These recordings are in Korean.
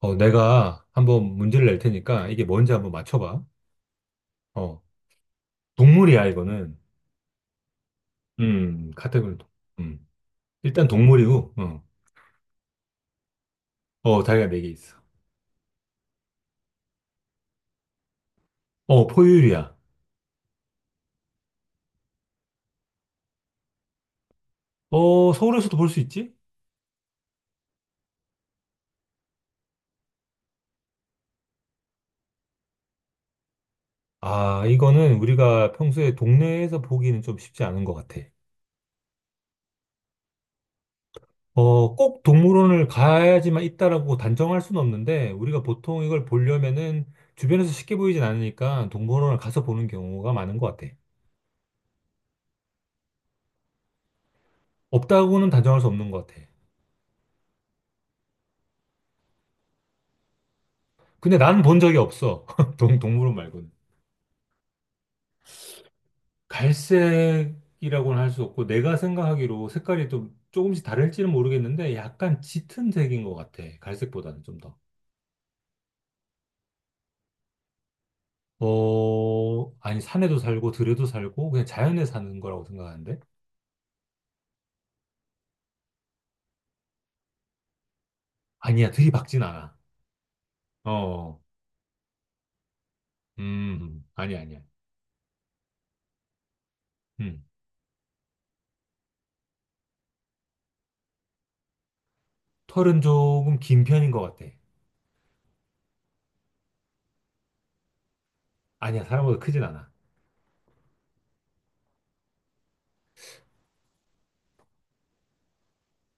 내가 한번 문제를 낼 테니까 이게 뭔지 한번 맞춰봐. 어, 동물이야, 이거는. 카테고리. 음. 일단 동물이고, 다리가 4개 있어. 포유류야. 서울에서도 볼 수 있지? 아, 이거는 우리가 평소에 동네에서 보기는 좀 쉽지 않은 것 같아. 꼭 동물원을 가야지만 있다라고 단정할 수는 없는데, 우리가 보통 이걸 보려면은 주변에서 쉽게 보이진 않으니까 동물원을 가서 보는 경우가 많은 것 같아. 없다고는 단정할 수 없는 것 같아. 근데 난 본 적이 없어. 동물원 말고는. 갈색이라고는 할 수 없고, 내가 생각하기로 색깔이 좀 조금씩 다를지는 모르겠는데, 약간 짙은 색인 것 같아. 갈색보다는 좀 더. 아니, 산에도 살고, 들에도 살고, 그냥 자연에 사는 거라고 생각하는데? 아니야, 들이박진 않아. 어, 아니야, 아니야. 음. 털은 조금 긴 편인 것 같아. 아니야, 사람보다 크진 않아.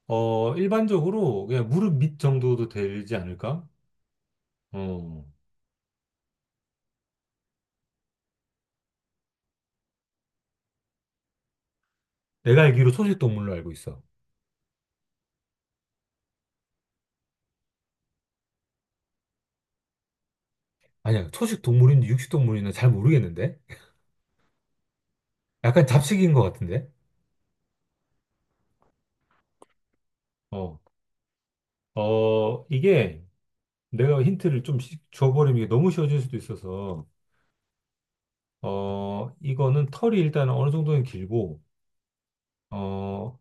일반적으로 그냥 무릎 밑 정도도 되지 않을까? 어. 내가 알기로 초식 동물로 알고 있어. 아니야, 초식 동물인지 육식 동물인지 잘 모르겠는데? 약간 잡식인 것 같은데? 어, 이게 내가 힌트를 좀 줘버리면 이게 너무 쉬워질 수도 있어서, 이거는 털이 일단 어느 정도는 길고, 어,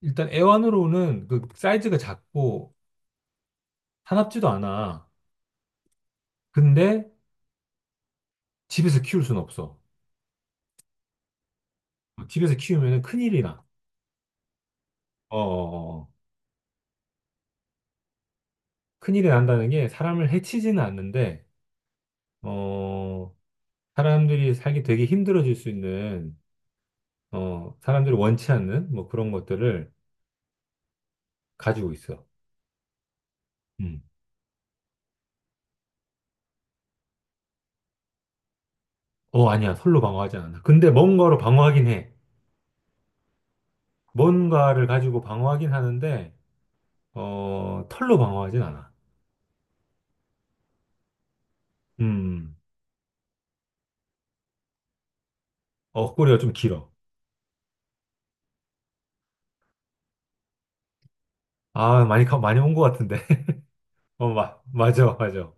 일단 애완으로는 그 사이즈가 작고, 사납지도 않아. 근데 집에서 키울 수는 없어. 집에서 키우면 큰일이 나. 어, 어, 어. 큰일이 난다는 게 사람을 해치지는 않는데, 어, 사람들이 살기 되게 힘들어질 수 있는, 사람들이 원치 않는 뭐 그런 것들을 가지고 있어. 음. 어, 아니야. 솔로 방어하지 않아. 근데 뭔가로 방어하긴 해. 뭔가를 가지고 방어하긴 하는데, 털로 방어하진 않아. 음, 꼬리가 좀 길어. 아, 많이, 많이 온 것 같은데. 어, 맞아, 맞아.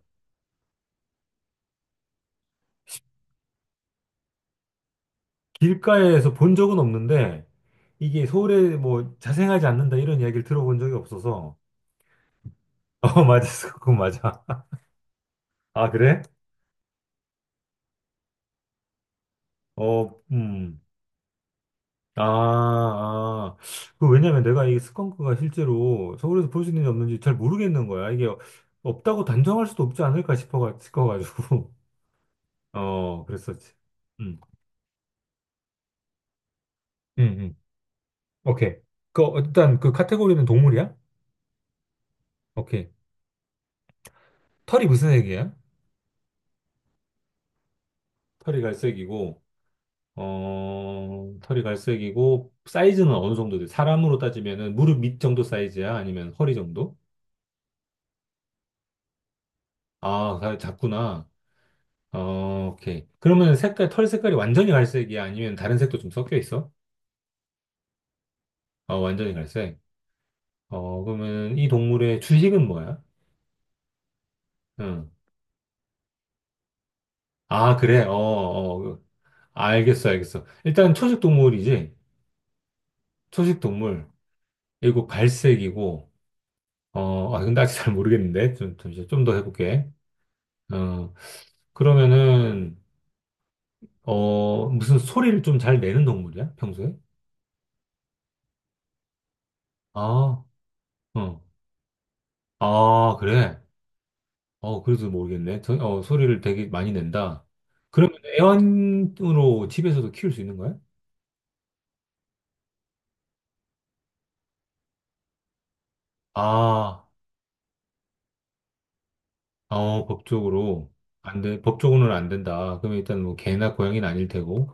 길가에서 본 적은 없는데, 이게 서울에 뭐 자생하지 않는다 이런 이야기를 들어본 적이 없어서. 어, 맞았어. 그건 맞아. 아, 그래? 어, 아, 아. 그 왜냐면 내가 이 스컹크가 실제로 서울에서 볼 수 있는지 없는지 잘 모르겠는 거야. 이게 없다고 단정할 수도 없지 않을까 싶어가지고. 그랬었지. 음, 음, 음. 오케이. 그, 일단 그 카테고리는 동물이야? 오케이. 털이 무슨 색이야? 털이 갈색이고, 털이 갈색이고, 사이즈는 어느 정도 돼? 사람으로 따지면은 무릎 밑 정도 사이즈야? 아니면 허리 정도? 아, 다 작구나. 오케이. 그러면 색깔, 털 색깔이 완전히 갈색이야? 아니면 다른 색도 좀 섞여 있어? 어, 완전히 갈색. 그러면 이 동물의 주식은 뭐야? 응. 아, 그래? 어, 어. 알겠어, 알겠어. 일단 초식 동물이지? 초식 동물. 그리고 갈색이고, 근데 아직 잘 모르겠는데. 좀, 잠시 좀더 해볼게. 어, 그러면은, 무슨 소리를 좀 잘 내는 동물이야? 평소에? 아, 어. 아, 그래. 그래도 모르겠네. 저, 소리를 되게 많이 낸다. 음. 그러면 애완으로 집에서도 키울 수 있는 거야? 아, 법적으로. 안 돼. 법적으로는 안 된다. 그러면 일단 뭐 개나 고양이는 아닐 테고.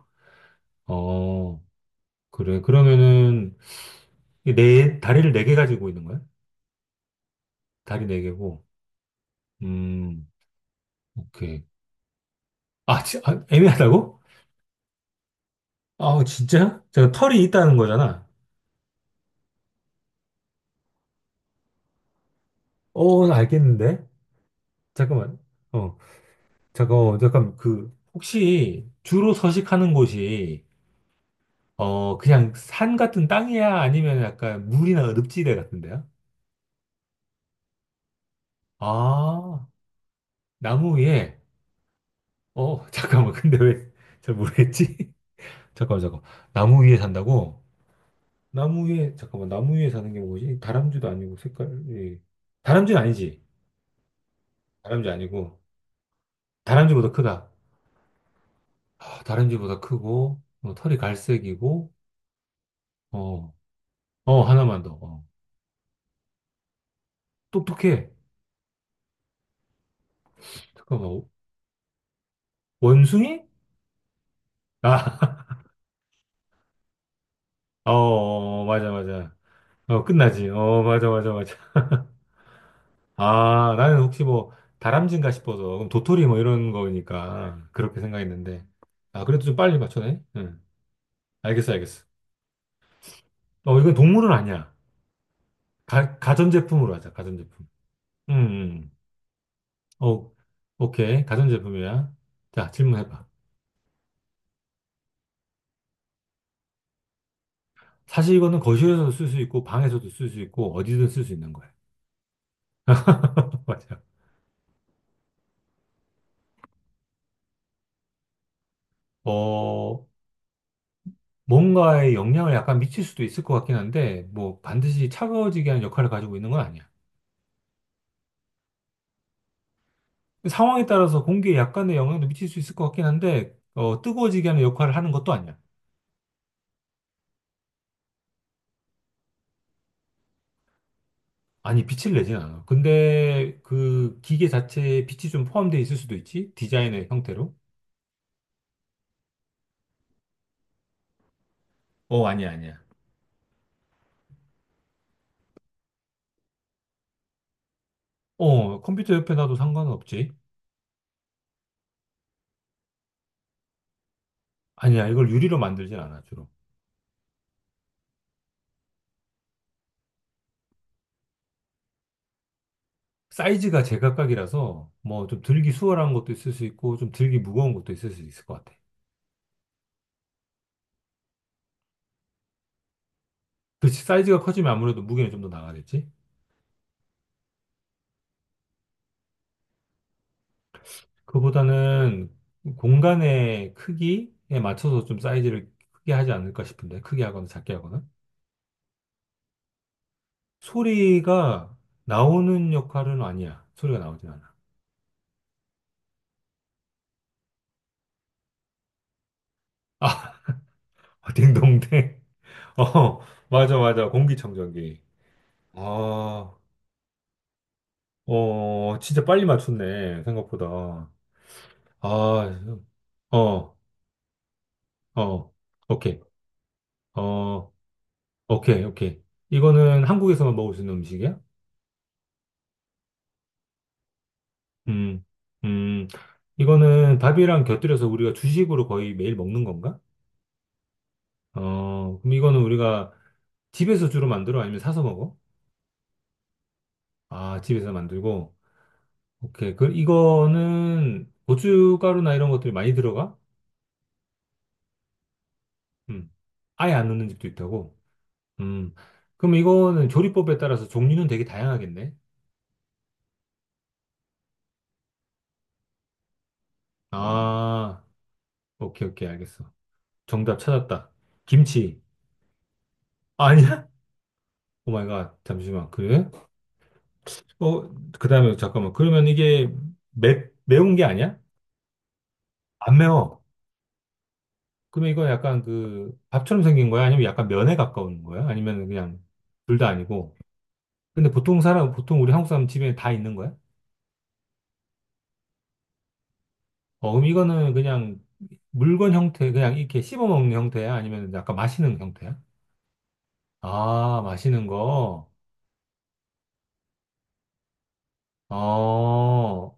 어, 그래. 그러면은, 이네 다리를 4개 가지고 있는 거야? 다리 네 개고. 음, 오케이. 아, 애매하다고? 아, 진짜? 제가 털이 있다는 거잖아. 어, 나 알겠는데? 잠깐만. 어. 잠깐, 잠깐, 그, 혹시 주로 서식하는 곳이, 그냥 산 같은 땅이야? 아니면 약간 물이나 늪지대 같은데요? 아, 나무 위에, 잠깐만, 근데 왜 잘 모르겠지? 잠깐만, 잠깐만. 나무 위에 산다고? 나무 위에, 잠깐만, 나무 위에 사는 게 뭐지? 다람쥐도 아니고, 색깔이. 다람쥐는 아니지. 다람쥐 아니고. 다람쥐보다 크다. 아, 다람쥐보다 크고, 털이 갈색이고, 어, 어, 하나만 더. 어. 똑똑해. 잠깐만, 원숭이? 아, 어, 어, 맞아, 맞아. 끝나지. 맞아, 맞아, 맞아. 아, 나는 혹시 뭐, 다람쥐인가 싶어서. 그럼 도토리 뭐 이런 거니까. 그렇게 생각했는데. 아, 그래도 좀 빨리 맞춰네. 응. 알겠어, 알겠어. 이건 동물은 아니야. 가, 가전제품으로 하자, 가전제품. 음, 음. 어, 오케이. 가전제품이야. 자, 질문해봐. 사실 이거는 거실에서도 쓸 수 있고, 방에서도 쓸 수 있고, 어디든 쓸 수 있는 거야. 맞아. 어, 뭔가에 영향을 약간 미칠 수도 있을 것 같긴 한데, 뭐 반드시 차가워지게 하는 역할을 가지고 있는 건 아니야. 상황에 따라서 공기에 약간의 영향도 미칠 수 있을 것 같긴 한데, 뜨거워지게 하는 역할을 하는 것도 아니야. 아니, 빛을 내진 않아. 근데 그 기계 자체에 빛이 좀 포함되어 있을 수도 있지? 디자인의 형태로? 어, 아니야, 아니야. 어, 컴퓨터 옆에 놔도 상관은 없지. 아니야, 이걸 유리로 만들진 않아, 주로. 사이즈가 제각각이라서, 뭐, 좀 들기 수월한 것도 있을 수 있고, 좀 들기 무거운 것도 있을 수 있을 것 같아. 그렇지, 사이즈가 커지면 아무래도 무게는 좀 더 나가겠지? 그보다는 공간의 크기에 맞춰서 좀 사이즈를 크게 하지 않을까 싶은데, 크게 하거나 작게 하거나. 소리가 나오는 역할은 아니야. 소리가 나오진 않아. 아, 딩동댕. 어, 맞아, 맞아. 공기청정기. 아, 진짜 빨리 맞췄네. 생각보다. 아, 어, 어, 오케이. 어, 오케이, 오케이. 이거는 한국에서만 먹을 수 있는 음식이야? 음, 음, 이거는 밥이랑 곁들여서 우리가 주식으로 거의 매일 먹는 건가? 그럼 이거는 우리가 집에서 주로 만들어? 아니면 사서 먹어? 아, 집에서 만들고. 오케이. 그, 이거는 고춧가루나 이런 것들이 많이 들어가? 음, 아예 안 넣는 집도 있다고? 음, 그럼 이거는 조리법에 따라서 종류는 되게 다양하겠네? 음. 아, 오케이, 오케이, 알겠어. 정답 찾았다. 김치. 아, 아니야? 오 마이 갓, 잠시만. 그래? 어, 그 다음에 잠깐만. 그러면 이게 매운 게 아니야? 안 매워. 그러면 이건 약간 그 밥처럼 생긴 거야? 아니면 약간 면에 가까운 거야? 아니면 그냥 둘 다 아니고. 근데 보통 우리 한국 사람 집에 다 있는 거야? 그럼 이거는 그냥 물건 형태, 그냥 이렇게 씹어 먹는 형태야? 아니면 약간 마시는 형태야? 아, 마시는 거. 어,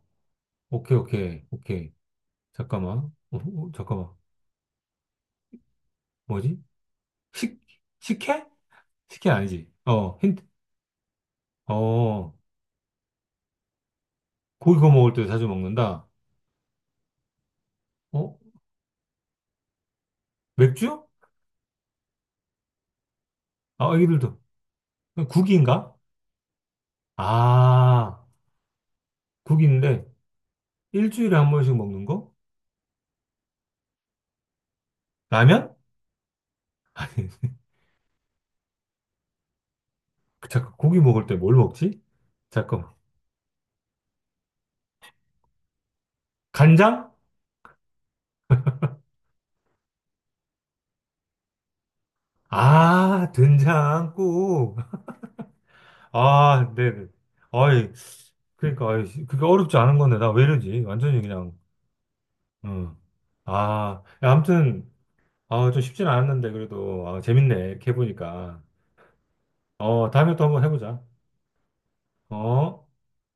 오케이, 오케이, 오케이. 잠깐만. 잠깐만. 뭐지? 식, 식혜? 식혜 아니지. 어, 힌트. 어, 고기 구워 먹을 때 자주 먹는다. 어? 맥주? 아, 아기들도. 국인가? 아, 국인데 일주일에 1번씩 먹는 거? 라면? 잠깐, 고기 먹을 때 뭘 먹지? 잠깐만. 간장? 아, 된장국. 아, 네네. 아이, 그러니까, 아이, 그게 어렵지 않은 건데, 나 왜 이러지? 완전히 그냥, 응. 아, 야, 아무튼, 아, 좀 쉽진 않았는데, 그래도, 아, 재밌네. 이렇게 해보니까. 다음에 또 한번 해보자. 어?